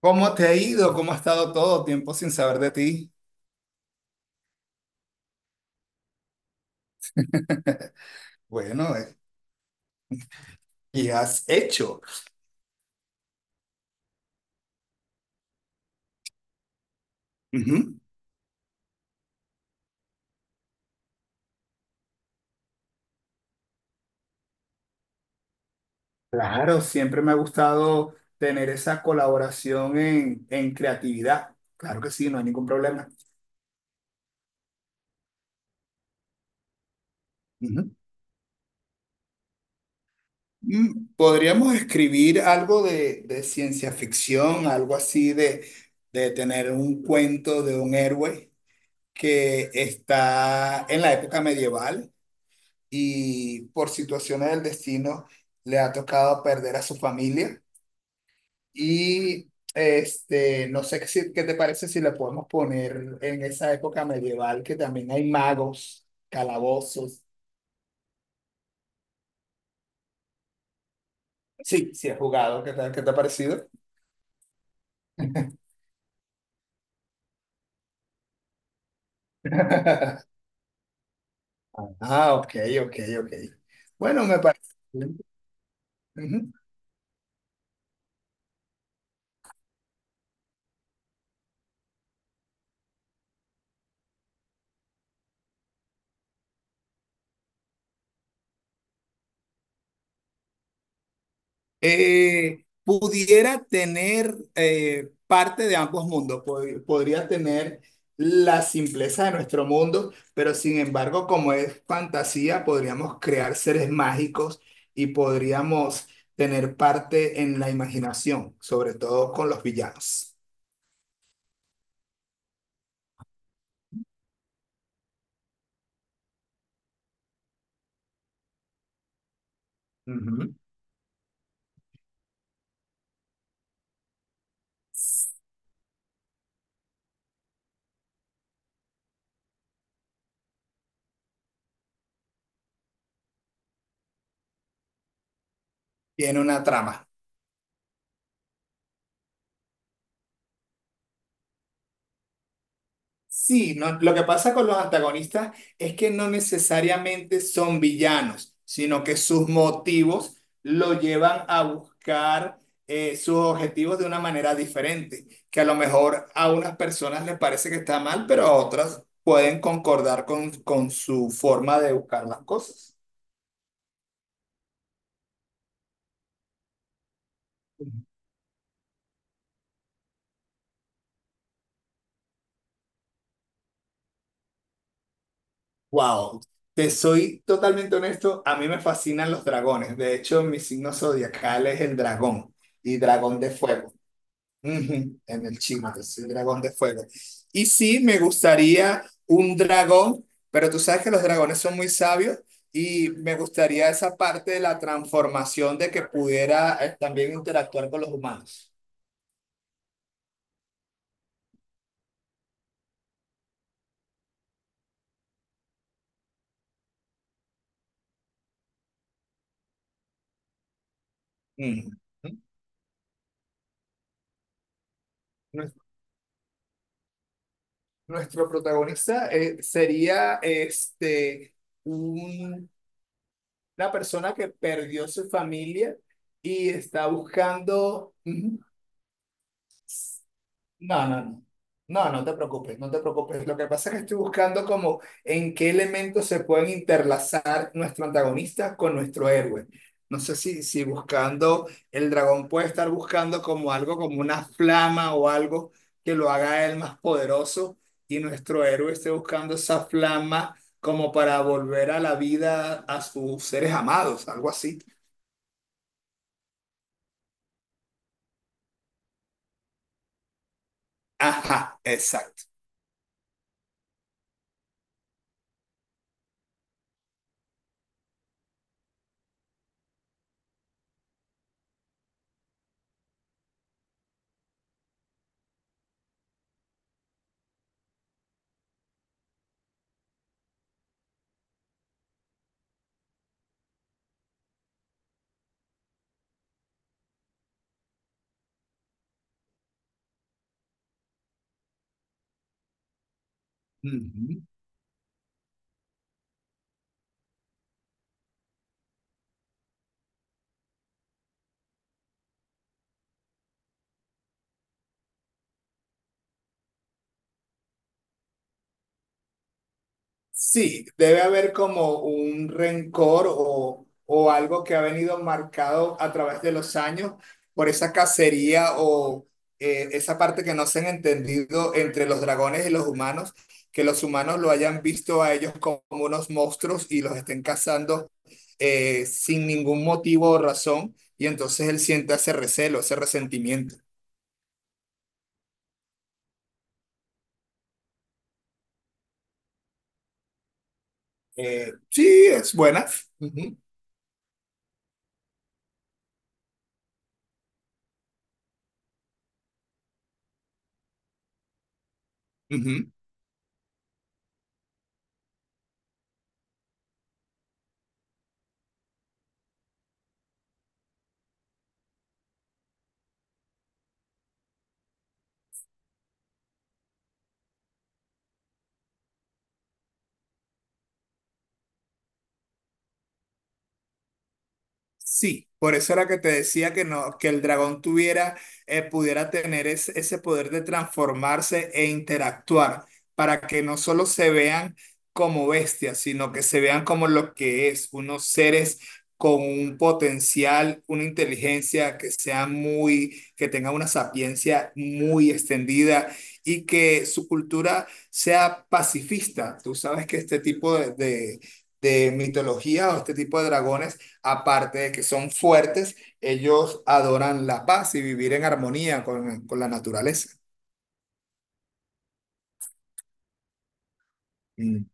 ¿Cómo te ha ido? ¿Cómo ha estado todo tiempo sin saber de ti? Bueno, ¿qué has hecho? Ujú. Claro, siempre me ha gustado tener esa colaboración en creatividad. Claro que sí, no hay ningún problema. Ujú. Podríamos escribir algo de ciencia ficción, algo así de tener un cuento de un héroe que está en la época medieval, y por situaciones del destino le ha tocado perder a su familia. Y este, no sé si- ¿qué te parece si le podemos poner en esa época medieval que también hay magos, calabozos? Sí, sí he jugado. ¿Qué tal? ¿Qué te ha parecido? Ah, ok, ok, ok. Bueno, me parece bien. Ujú. Pudiera tener parte de ambos mundos, podría tener la simpleza de nuestro mundo, pero sin embargo, como es fantasía, podríamos crear seres mágicos y podríamos tener parte en la imaginación, sobre todo con los villanos. Ujú. Tiene una trama. Sí, no, lo que pasa con los antagonistas es que no necesariamente son villanos, sino que sus motivos lo llevan a buscar sus objetivos de una manera diferente, que a lo mejor a unas personas les parece que está mal, pero a otras pueden concordar con su forma de buscar las cosas. Wow, te soy totalmente honesto, a mí me fascinan los dragones. De hecho, mi signo zodiacal es el dragón, y dragón de fuego. Ujú. En el chino, que es el dragón de fuego. Y sí, me gustaría un dragón, pero tú sabes que los dragones son muy sabios y me gustaría esa parte de la transformación de que pudiera, también interactuar con los humanos. Ujú. Nues- Nuestro protagonista sería este, un- una persona que perdió su familia y está buscando. No, no, no. No, no te preocupes, no te preocupes. Lo que pasa es que estoy buscando como en qué elementos se pueden interlazar nuestro antagonista con nuestro héroe. No sé si buscando, el dragón puede estar buscando como algo, como una flama o algo que lo haga él más poderoso, y nuestro héroe esté buscando esa flama como para volver a la vida a sus seres amados, algo así. Ajá, exacto. Sí, debe haber como un rencor o algo que ha venido marcado a través de los años por esa cacería o esa parte que no se han entendido entre los dragones y los humanos, que los humanos lo hayan visto a ellos como unos monstruos y los estén cazando sin ningún motivo o razón, y entonces él siente ese recelo, ese resentimiento. Sí, es buena. Ujú, ujú. Sí, por eso era que te decía que no, que el dragón tuviera, pudiera tener ese poder de transformarse e interactuar, para que no solo se vean como bestias, sino que se vean como lo que es, unos seres con un potencial, una inteligencia que sea muy, que tenga una sapiencia muy extendida, y que su cultura sea pacifista. Tú sabes que este tipo de mitología o este tipo de dragones, aparte de que son fuertes, ellos adoran la paz y vivir en armonía con la naturaleza. Mm.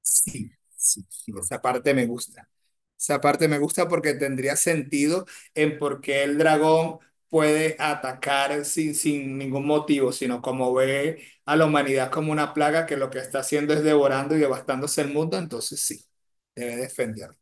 Sí, sí, sí, esa parte me gusta. Esa parte me gusta porque tendría sentido en por qué el dragón puede atacar sin ningún motivo, sino como ve a la humanidad como una plaga que lo que está haciendo es devorando y devastándose el mundo, entonces sí, debe defenderlo.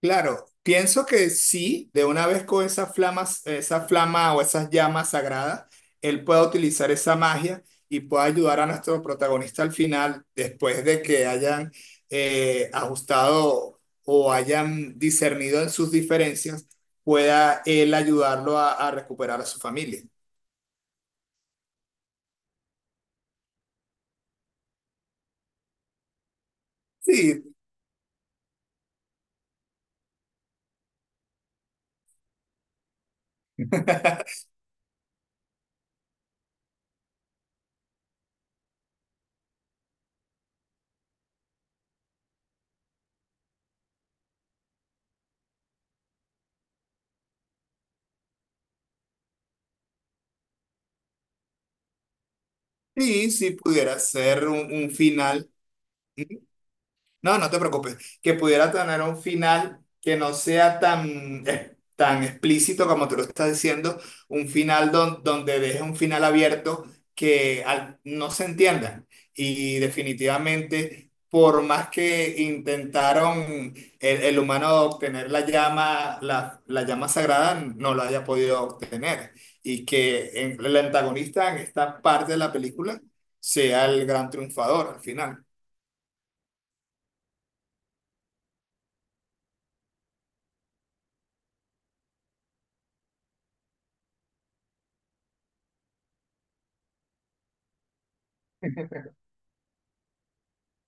Claro, pienso que sí, de una vez con esas flamas, esa flama o esas llamas sagradas, él pueda utilizar esa magia y pueda ayudar a nuestro protagonista al final, después de que hayan ajustado o hayan discernido en sus diferencias, pueda él ayudarlo a recuperar a su familia. Sí, sí, sí pudiera ser un final. No, no te preocupes. Que pudiera tener un final que no sea tan, tan explícito como tú lo estás diciendo, un final donde deje un final abierto que no se entienda. Y definitivamente, por más que intentaron el humano obtener la llama, la llama sagrada, no lo haya podido obtener. Y que el antagonista en esta parte de la película sea el gran triunfador al final.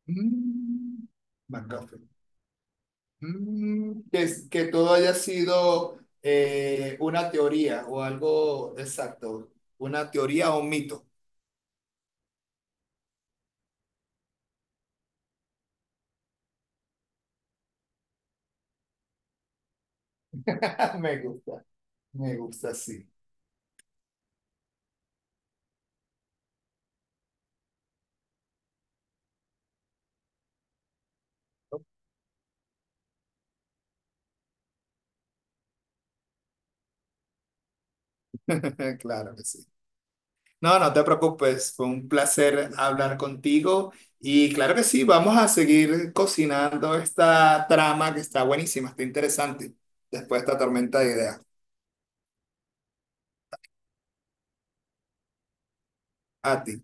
Mm, McGuffin. Mm, que todo haya sido una teoría o algo exacto, una teoría o un mito. Me gusta, me gusta, sí. Claro que sí. No, no te preocupes, fue un placer hablar contigo, y claro que sí, vamos a seguir cocinando esta trama que está buenísima, está interesante, después de esta tormenta de ideas. A ti.